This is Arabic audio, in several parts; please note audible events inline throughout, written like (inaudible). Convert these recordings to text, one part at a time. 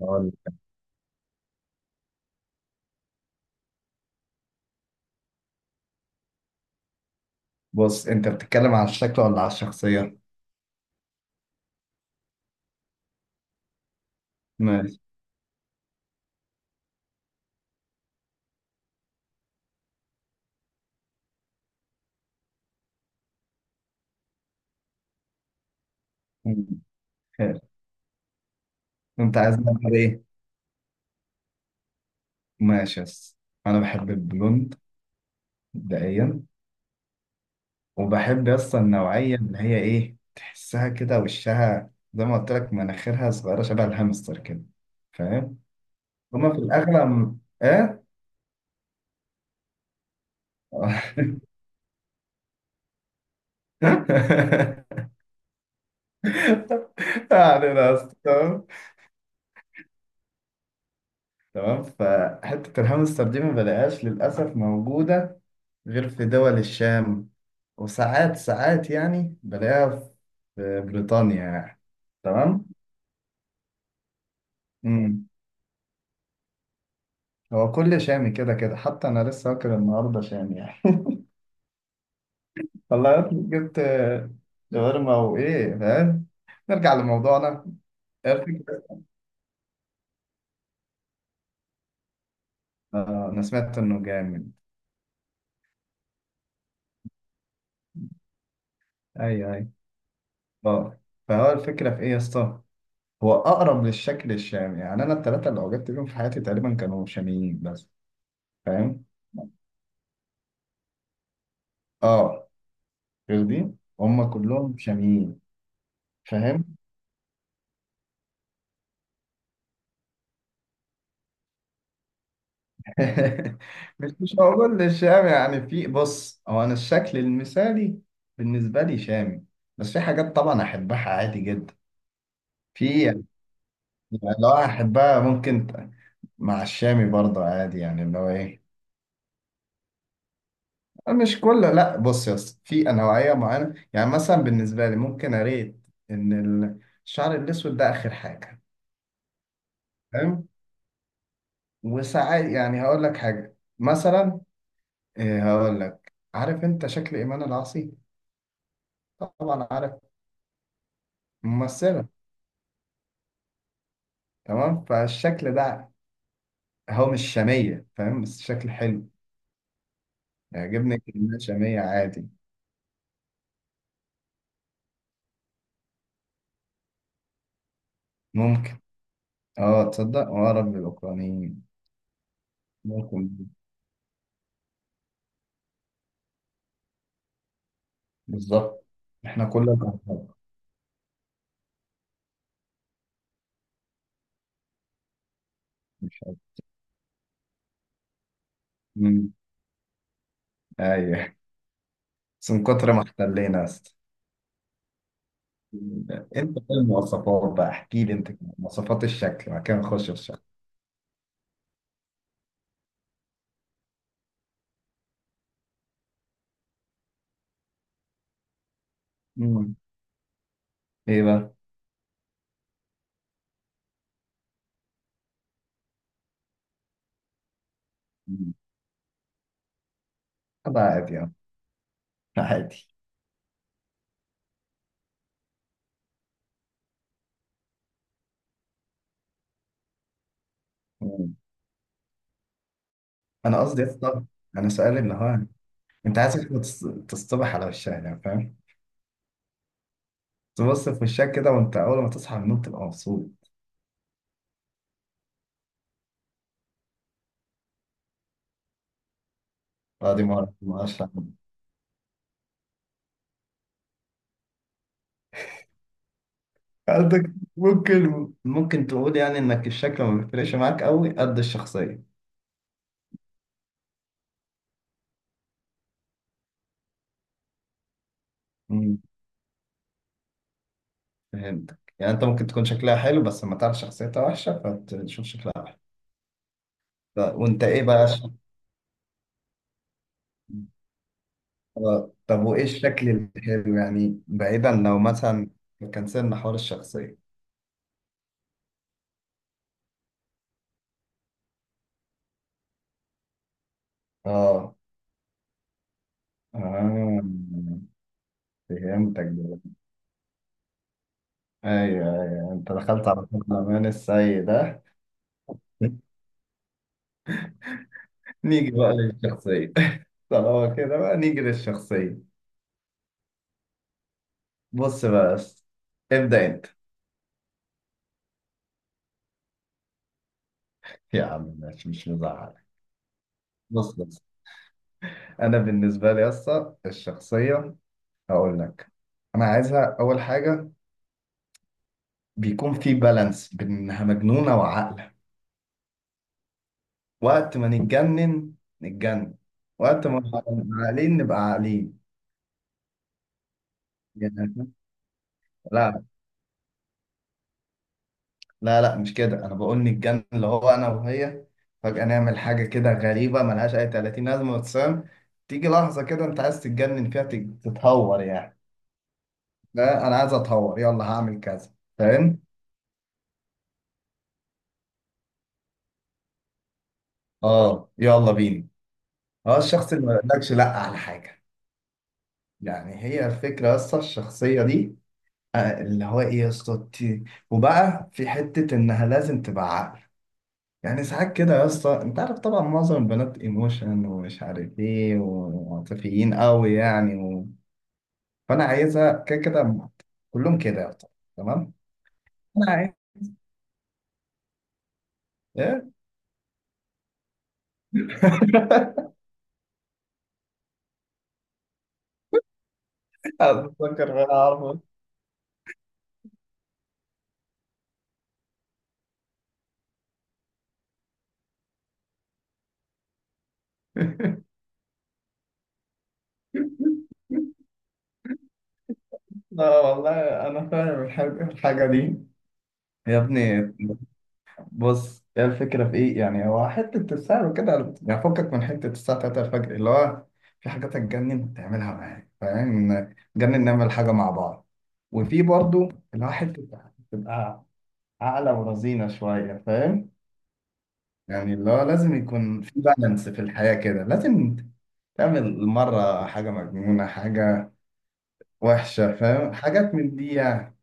أقول لك. بص، انت بتتكلم على الشكل ولا على الشخصية؟ ماشي. مم. خير، انت عايز نعمل ايه؟ ماشي يس، انا بحب البلوند مبدئيا. وبحب يس النوعية اللي هي ايه، تحسها كده وشها زي ما قلت لك، مناخيرها صغيرة شبه الهامستر كده. فاهم؟ هما في الأغلب ايه؟ (laughs) يعني بس تمام. تمام، فحتة الهامستر دي ما بلاقيهاش للأسف موجودة غير في دول الشام. وساعات ساعات يعني بلاقيها في بريطانيا يعني. تمام. امم هو كل شامي كده كده، حتى انا لسه واكل النهارده شامي يعني. (laughs) والله يا ابني جبت شاورما وايه، فاهم. نرجع لموضوعنا. إيه الفكرة؟ آه، انا سمعت انه جامد. ايوه ايوه، اه. فهو الفكره في ايه يا اسطى؟ هو اقرب للشكل الشامي. يعني انا الثلاثه اللي وجدت بيهم في حياتي تقريبا كانوا شاميين بس، فاهم. اه، فاهمين هم كلهم شاميين. فاهم. (laughs) مش هقول الشام يعني. في بص، هو انا الشكل المثالي بالنسبه لي شامي، بس في حاجات طبعا احبها عادي جدا. في يعني، يعني لو احبها ممكن مع الشامي برضه عادي يعني اللي هو ايه. مش كله، لا. بص يا اسطى، في نوعيه معينه، يعني مثلا بالنسبه لي ممكن اريد ان ال- الشعر الاسود ده اخر حاجه، فاهم. وساعات يعني هقول لك حاجه، مثلا إيه. هقول لك، عارف انت شكل ايمان العاصي؟ طبعا عارف. ممثله. تمام. فالشكل ده هو مش شاميه، فاهم، بس شكل حلو يعجبني. كلمه شاميه عادي. ممكن. اه، تصدق، اه رب الاوكرانيين. ممكن. بالظبط. احنا كلنا كهرباء. مش عارف. مم. ايوه، بس من كتر ما احتلينا يا اسطى. انت ايه المواصفات بقى؟ احكي لي انت كده مواصفات الشكل، بعد كده نخش في الشكل. مم. ايه بقى؟ مم. ده عادي، اه. عادي. انا قصدي يا اسطى، انا سؤالي اللي هو: انت عايز واحدة تصطبح على وشها يعني، فاهم؟ تبص في وشها كده وانت اول ما تصحى من النوم تبقى مبسوط. اه، دي ما اعرفش أعمل. قصدك ممكن تقول يعني انك الشكل ما بيفرقش معاك قوي قد الشخصيه. امم فهمتك. يعني انت ممكن تكون شكلها حلو بس لما تعرف شخصيتها وحشه فتشوف شكلها وحش. وانت ايه بقى آه، طب وايه الشكل الحلو يعني؟ بعيدا لو مثلا كان سيبنا حوار الشخصيه. اه. آه. فهمتك دلوقتي. ايوه ايوه، انت دخلت على طول الامان السيء ده. (laughs) نيجي بقى للشخصية. (laughs) طالما كده بقى نيجي للشخصية. بص بقى بس، ابدأ انت. يا عم ماشي، مش مزعل. بص انا بالنسبة لي اصلا الشخصية. هقول لك، انا عايزها اول حاجة بيكون في بالانس بين انها مجنونة وعاقلة. وقت ما نتجنن نتجنن، وقت ما نبقى عاقلين نبقى عاقلين. يعني لا لا لا، مش كده. انا بقول نتجنن اللي هو انا وهي فجأة نعمل حاجة كده غريبة ملهاش اي 30 لازمة وتسام. تيجي لحظة كده انت عايز تتجنن فيها، تتهور يعني. لا، انا عايز اتهور. يلا هعمل كذا، فاهم. اه يلا بينا. اه، الشخص اللي ما يقولكش لا على حاجة. يعني هي الفكرة بس الشخصية دي، آه، اللي هو ايه يا اسطى، وبقى في حتة انها لازم تبقى عقل. يعني ساعات كده يا اسطى، انت عارف طبعا معظم البنات ايموشن ومش عارف ايه وعاطفيين قوي يعني و... فانا عايزها كده كده. كلهم كده يا اسطى. تمام. انا عايز ايه. (laughs) اتذكر انا عارفه. (laughs) لا والله، انا فاهم الحاجة دي يا ابني. بص، هي الفكرة في إيه؟ يعني هو حتة السعر وكده يعني، فكك من حتة الساعة 3 الفجر اللي هو في حاجات هتجنن تعملها معايا، فاهم؟ نجنن نعمل حاجة مع بعض. وفي برضو اللي هو حتة تبقى عاقلة ورزينة شوية، فاهم؟ يعني اللي هو لازم يكون في بالانس في الحياة كده. لازم تعمل مرة حاجة مجنونة، حاجة وحشة، فاهم، حاجات من دي يعني.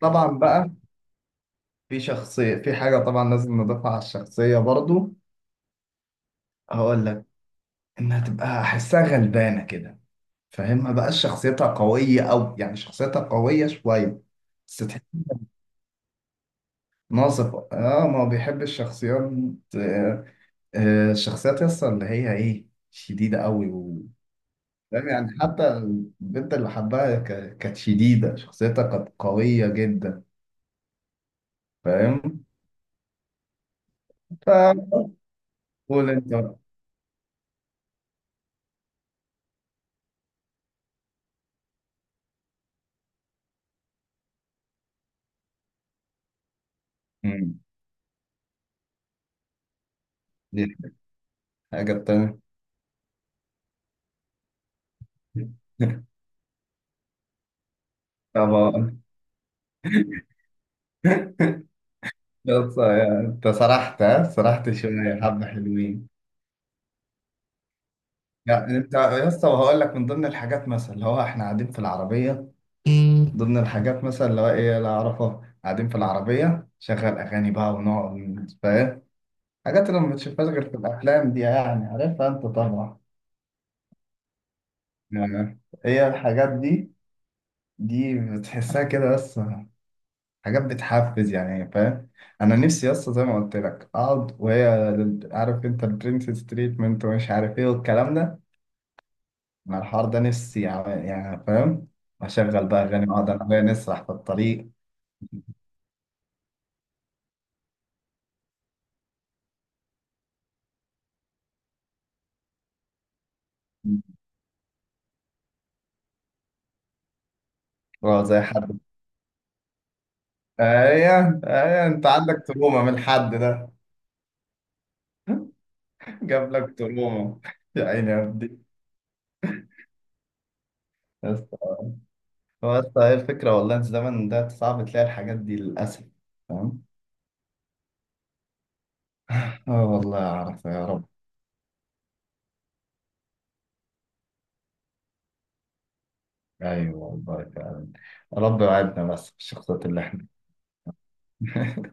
طبعا بقى، في شخصية، في حاجة طبعا لازم نضيفها على الشخصية برضو. هقول لك، انها تبقى احسها غلبانه كده، فاهم، ما بقاش شخصيتها قويه، او يعني شخصيتها قويه شويه بس تحس. ناصفه اه، ما بيحب الشخصيات، آه، آه الشخصيات يسطا اللي هي ايه، شديده قوي و... فاهم يعني. حتى البنت اللي حبها كانت شديده، شخصيتها كانت قويه جدا، فاهم. فقول انت بقى. مم. دي الحاجه التانيه. (laughs) طبعا. يسطا يعني انت سرحت ها سرحت شويه حبه حلوين. يعني انت يا اسطى، وهقول لك من ضمن الحاجات مثلا اللي هو احنا قاعدين في العربيه، ضمن الحاجات مثلا اللي هو ايه لا اعرفها، قاعدين في العربيه شغل اغاني بقى ونقعد، فاهم، حاجات اللي ما بتشوفهاش غير في الافلام دي يعني، عارفها انت طبعا. يعني هي الحاجات دي بتحسها كده بس، حاجات بتحفز يعني، فاهم. انا نفسي يا اسطى زي ما قلت لك اقعد وهي، عارف انت البرنسس تريتمنت ومش عارف ايه والكلام ده. انا الحوار ده نفسي يعني فاهم. اشغل بقى اغاني واقعد انا وهي نسرح في الطريق. اه زي حد. ايوه ايوه، انت عندك تروما من الحد ده. (laughs) جاب لك تروما. (laughs) يا عيني يا ابني. بس هو بس هي الفكره والله، في الزمن ده صعب تلاقي الحاجات دي للاسف، فاهم. اه والله اعرف، يا رب. ايوه والله فعلا. رب يوعدنا بس بالشخصيات اللي احنا. (laughs)